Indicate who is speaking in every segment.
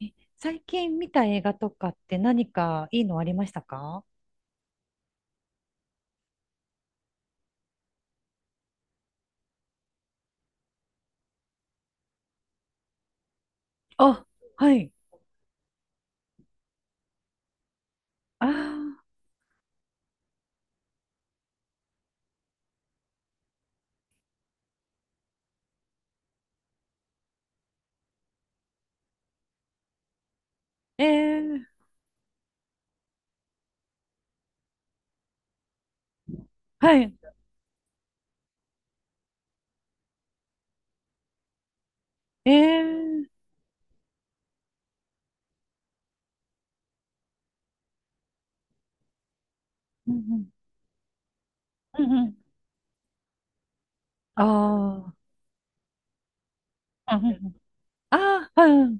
Speaker 1: 最近見た映画とかって何かいいのありましたか？あ、はい。ああ、えー、はい。えー、うんうん、うんうん。ああ。うんうんうん。あ、あうん。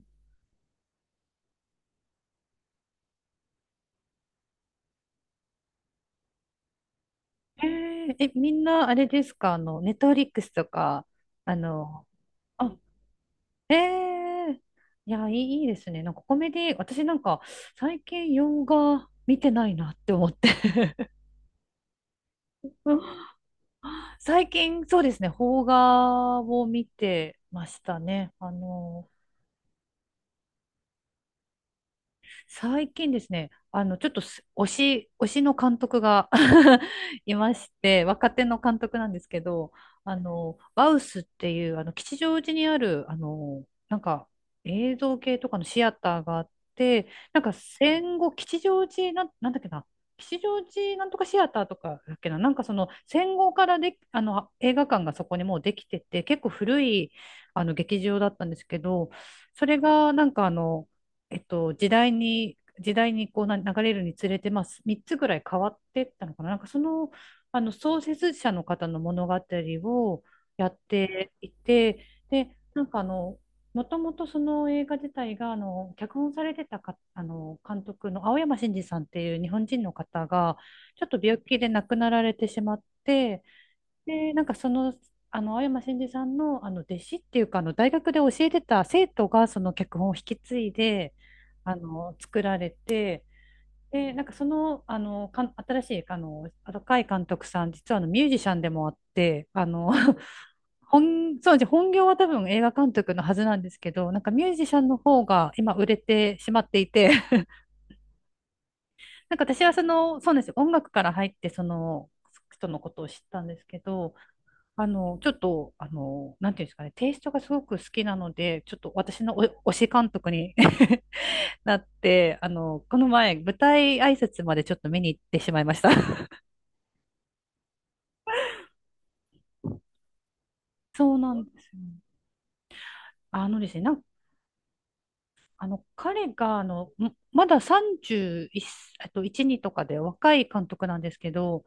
Speaker 1: え、みんなあれですか、ネットフリックスとか、あの、あ、えー、いや、いいですね。なんかコメディ、私なんか最近洋画見てないなって思って。最近、そうですね、邦画を見てましたね。最近ですね、ちょっとす推し、推しの監督が いまして、若手の監督なんですけど、バウスっていう、吉祥寺にある、映像系とかのシアターがあって、なんか戦後、吉祥寺なん、なんだっけな、吉祥寺なんとかシアターとかだっけな、なんかその戦後からで、映画館がそこにもうできてて、結構古い、劇場だったんですけど、それがなんか時代にこうな流れるにつれて、まあ、3つぐらい変わってったのかな。なんかその、あの創設者の方の物語をやっていて、で、なんかもともとその映画自体が、脚本されてたか、監督の青山真治さんっていう日本人の方が、ちょっと病気で亡くなられてしまって、で、なんかその、青山真司さんの、弟子っていうか、大学で教えてた生徒が、その脚本を引き継いで、作られて、で、なんかその、新しい、若い監督さん、実はミュージシャンでもあって、そうですね、本業は多分映画監督のはずなんですけど、なんかミュージシャンの方が今売れてしまっていて、なんか私はその、そうなんですよ、音楽から入って、その、人のことを知ったんですけど、ちょっと、なんていうんですかね、テイストがすごく好きなので、ちょっと私のお推し監督に なって、この前、舞台挨拶までちょっと見に行ってしまいました。そうなんですよ。ですね、なんあの、彼が、まだ31、1、2とかで若い監督なんですけど、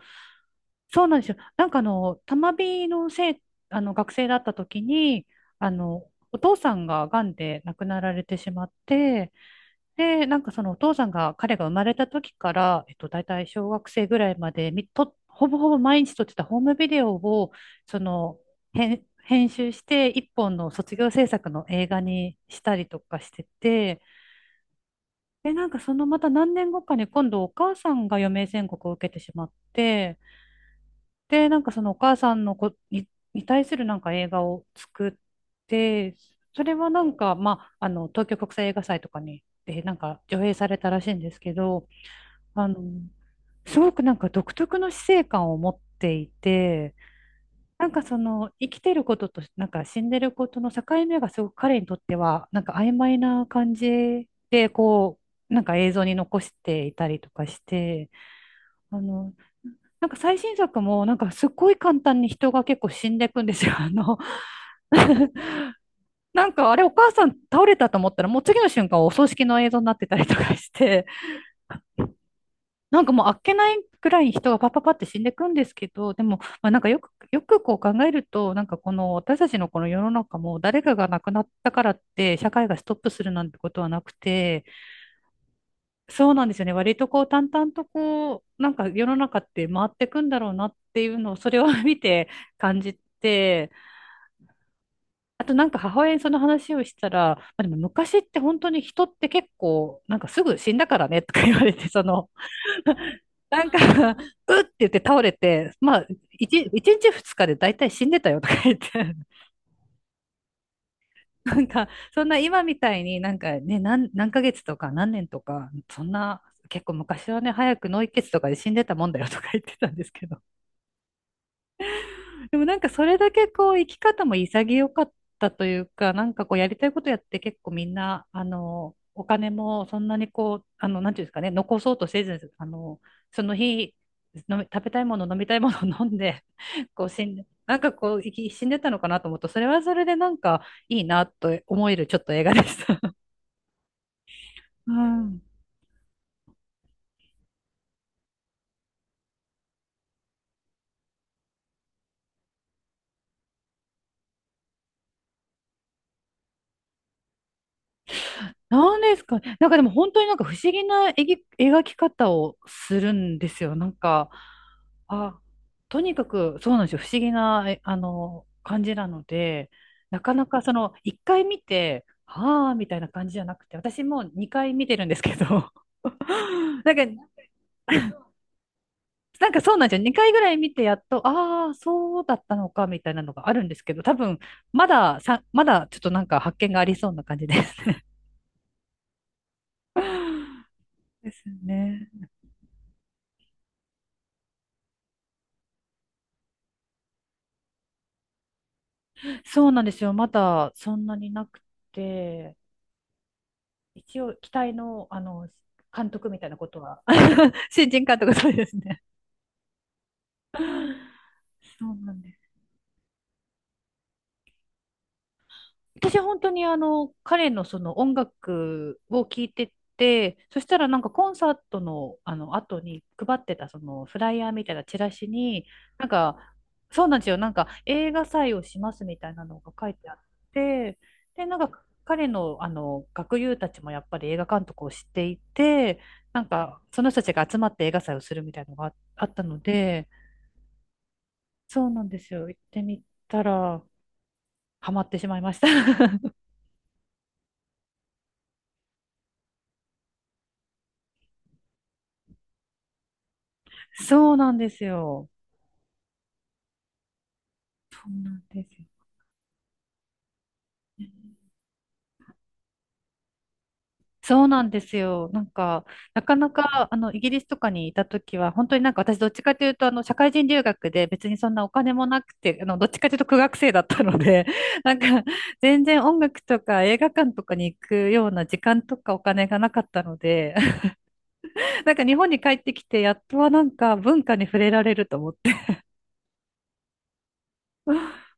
Speaker 1: そうなんですよ。なんか玉美のせい、学生だった時に、お父さんが癌で亡くなられてしまって、で、なんかそのお父さんが、彼が生まれた時から、大体小学生ぐらいまでほぼほぼ毎日撮ってたホームビデオを、その、編集して、一本の卒業制作の映画にしたりとかしてて、で、なんかそのまた何年後かに今度お母さんが余命宣告を受けてしまって、で、なんかそのお母さんのに対するなんか映画を作って、それはなんか、まあ、東京国際映画祭とかに、で、なんか上映されたらしいんですけど、あの、すごくなんか独特の死生観を持っていて、なんかその生きてることとなんか死んでることの境目がすごく彼にとってはなんか曖昧な感じでこうなんか映像に残していたりとかして、あの、なんか最新作もなんかすっごい簡単に人が結構死んでいくんですよ。なんかあれお母さん倒れたと思ったらもう次の瞬間お葬式の映像になってたりとかして、なんかもうあっけないくらい人がパッパパって死んでいくんですけど、でも、まあ、なんかよくこう考えると、なんかこの私たちのこの世の中も誰かが亡くなったからって社会がストップするなんてことはなくて、そうなんですよね。割とこう淡々とこう、なんか世の中って回っていくんだろうなっていうのをそれを 見て感じて、あとなんか母親にその話をしたら、まあ、でも昔って本当に人って結構なんかすぐ死んだからねとか言われて、そのなんか うって言って倒れて、まあ、一日二日で大体死んでたよとか言って、なんか、そんな今みたいになんかね、何ヶ月とか何年とか、そんな、結構昔はね、早く脳溢血とかで死んでたもんだよとか言ってたんですけ、でもなんかそれだけこう生き方も潔かったというか、なんかこうやりたいことやって結構みんな、お金もそんなにこう、なんていうんですかね、残そうとせず、その日、食べたいもの、飲みたいものを飲んで、こう死んで、なんかこう死んでたのかなと思うと、それはそれでなんかいいなと思えるちょっと映画でした。うん。なんですかね。なんかでも本当になんか不思議な描き方をするんですよ。なんか、あ、とにかくそうなんですよ。不思議な、えあの、感じなので、なかなかその、一回見て、はあ、みたいな感じじゃなくて、私も2回見てるんですけど、なんか、なんかそうなんですよ。2回ぐらい見て、やっと、ああ、そうだったのか、みたいなのがあるんですけど、多分、まだ、さ、まだちょっとなんか発見がありそうな感じですね。ですね。そうなんですよ。まだそんなになくて。一応、期待の、監督みたいなことは、新人監督、そうですね。そうなんです。私本当に彼のその音楽を聴いてて、そしたらなんかコンサートのあの後に配ってたそのフライヤーみたいなチラシに、なんか、そうなんですよ。なんか映画祭をしますみたいなのが書いてあって、で、なんか彼のあの学友たちもやっぱり映画監督を知っていて、なんかその人たちが集まって映画祭をするみたいなのがあったので、そうなんですよ。行ってみたらハマってしまいました。そうなんですよ。そうなんですよね。そうなんですよ。なんか、なかなか、イギリスとかにいたときは、本当になんか私どっちかというと、社会人留学で別にそんなお金もなくて、どっちかというと苦学生だったので、なんか、全然音楽とか映画館とかに行くような時間とかお金がなかったので、なんか日本に帰ってきて、やっとはなんか文化に触れられると思って。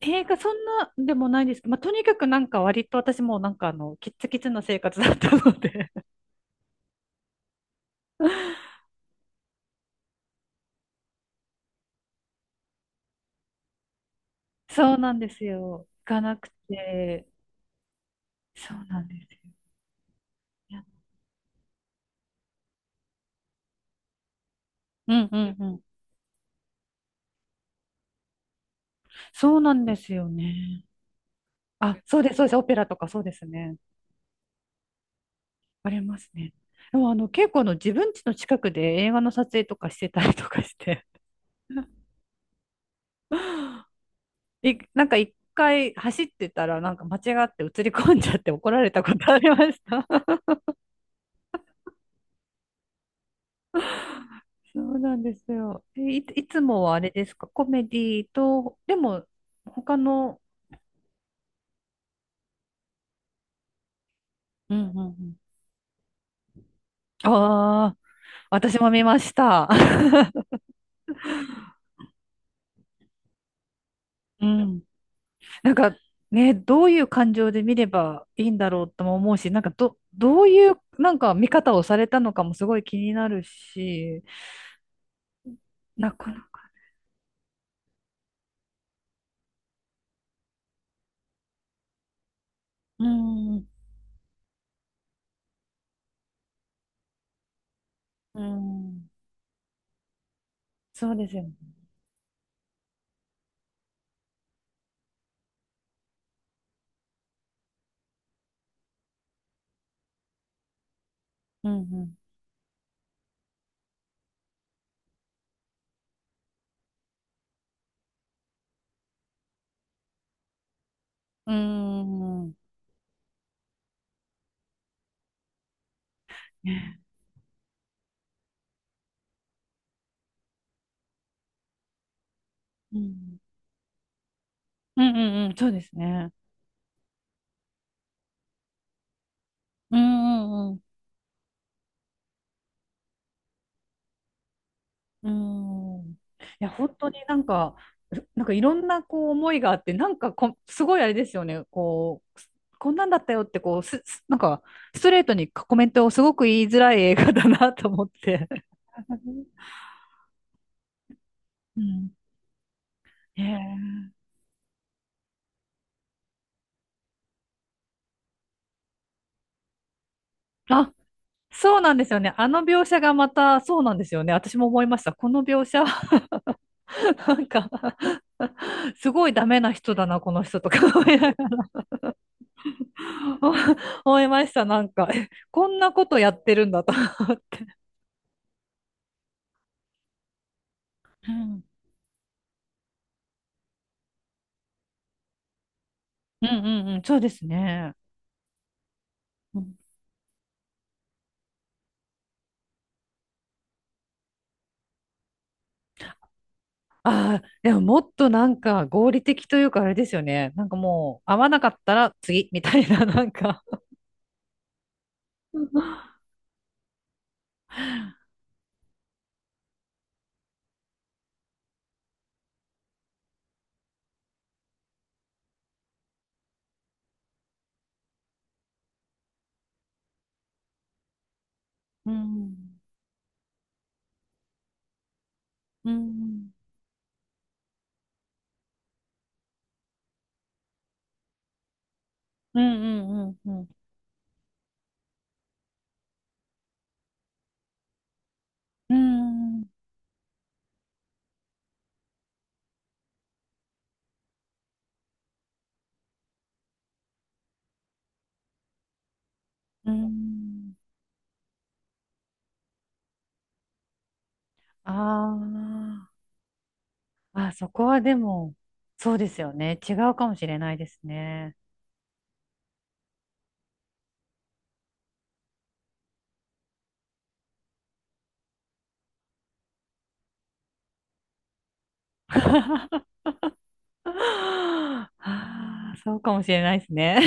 Speaker 1: 映画そんなでもないですけど、まあ、とにかくなんか割と私もなんかキッツキツな生活だったので、そうなんですよ。行かなくて、そうなんですよ。うんうんうん。そうなんですよね。あ、そうです、そうです。オペラとかそうですね。ありますね。でも結構自分家の近くで映画の撮影とかしてたりとかして なんか一回走ってたらなんか間違って映り込んじゃって怒られたことありました。そうなんですよ。いつもはあれですか、コメディと、でも他の、うんうんうん。ああ、私も見ました。うん。なんかね、どういう感情で見ればいいんだろうとも思うし、なんかどういうなんか見方をされたのかもすごい気になるし、なかなか、うん。うん。そうですよね。うん。うん。うん。ね、うん。うん。うん。うん、そうですね。うん。うん。うん。うーん。いや、本当になんか、なんかいろんなこう思いがあって、なんかすごいあれですよね、こう、こんなんだったよって、こう、なんか、ストレートにコメントをすごく言いづらい映画だなと思って。うん。ね、えあ、そうなんですよね。あの描写がまた、そうなんですよね。私も思いました。この描写は なんかすごいダメな人だな、この人とか思いながら 思いました。なんか、こんなことやってるんだと思って。うん、うんうんうん、そうですね。うん。ああ、でももっとなんか合理的というかあれですよね。なんかもう合わなかったら次みたいな、なんか。うん。うん。うんうんうんうん。うん。うん。あああ、そこはでも、そうですよね。違うかもしれないですね。ああ、そうかもしれないですね。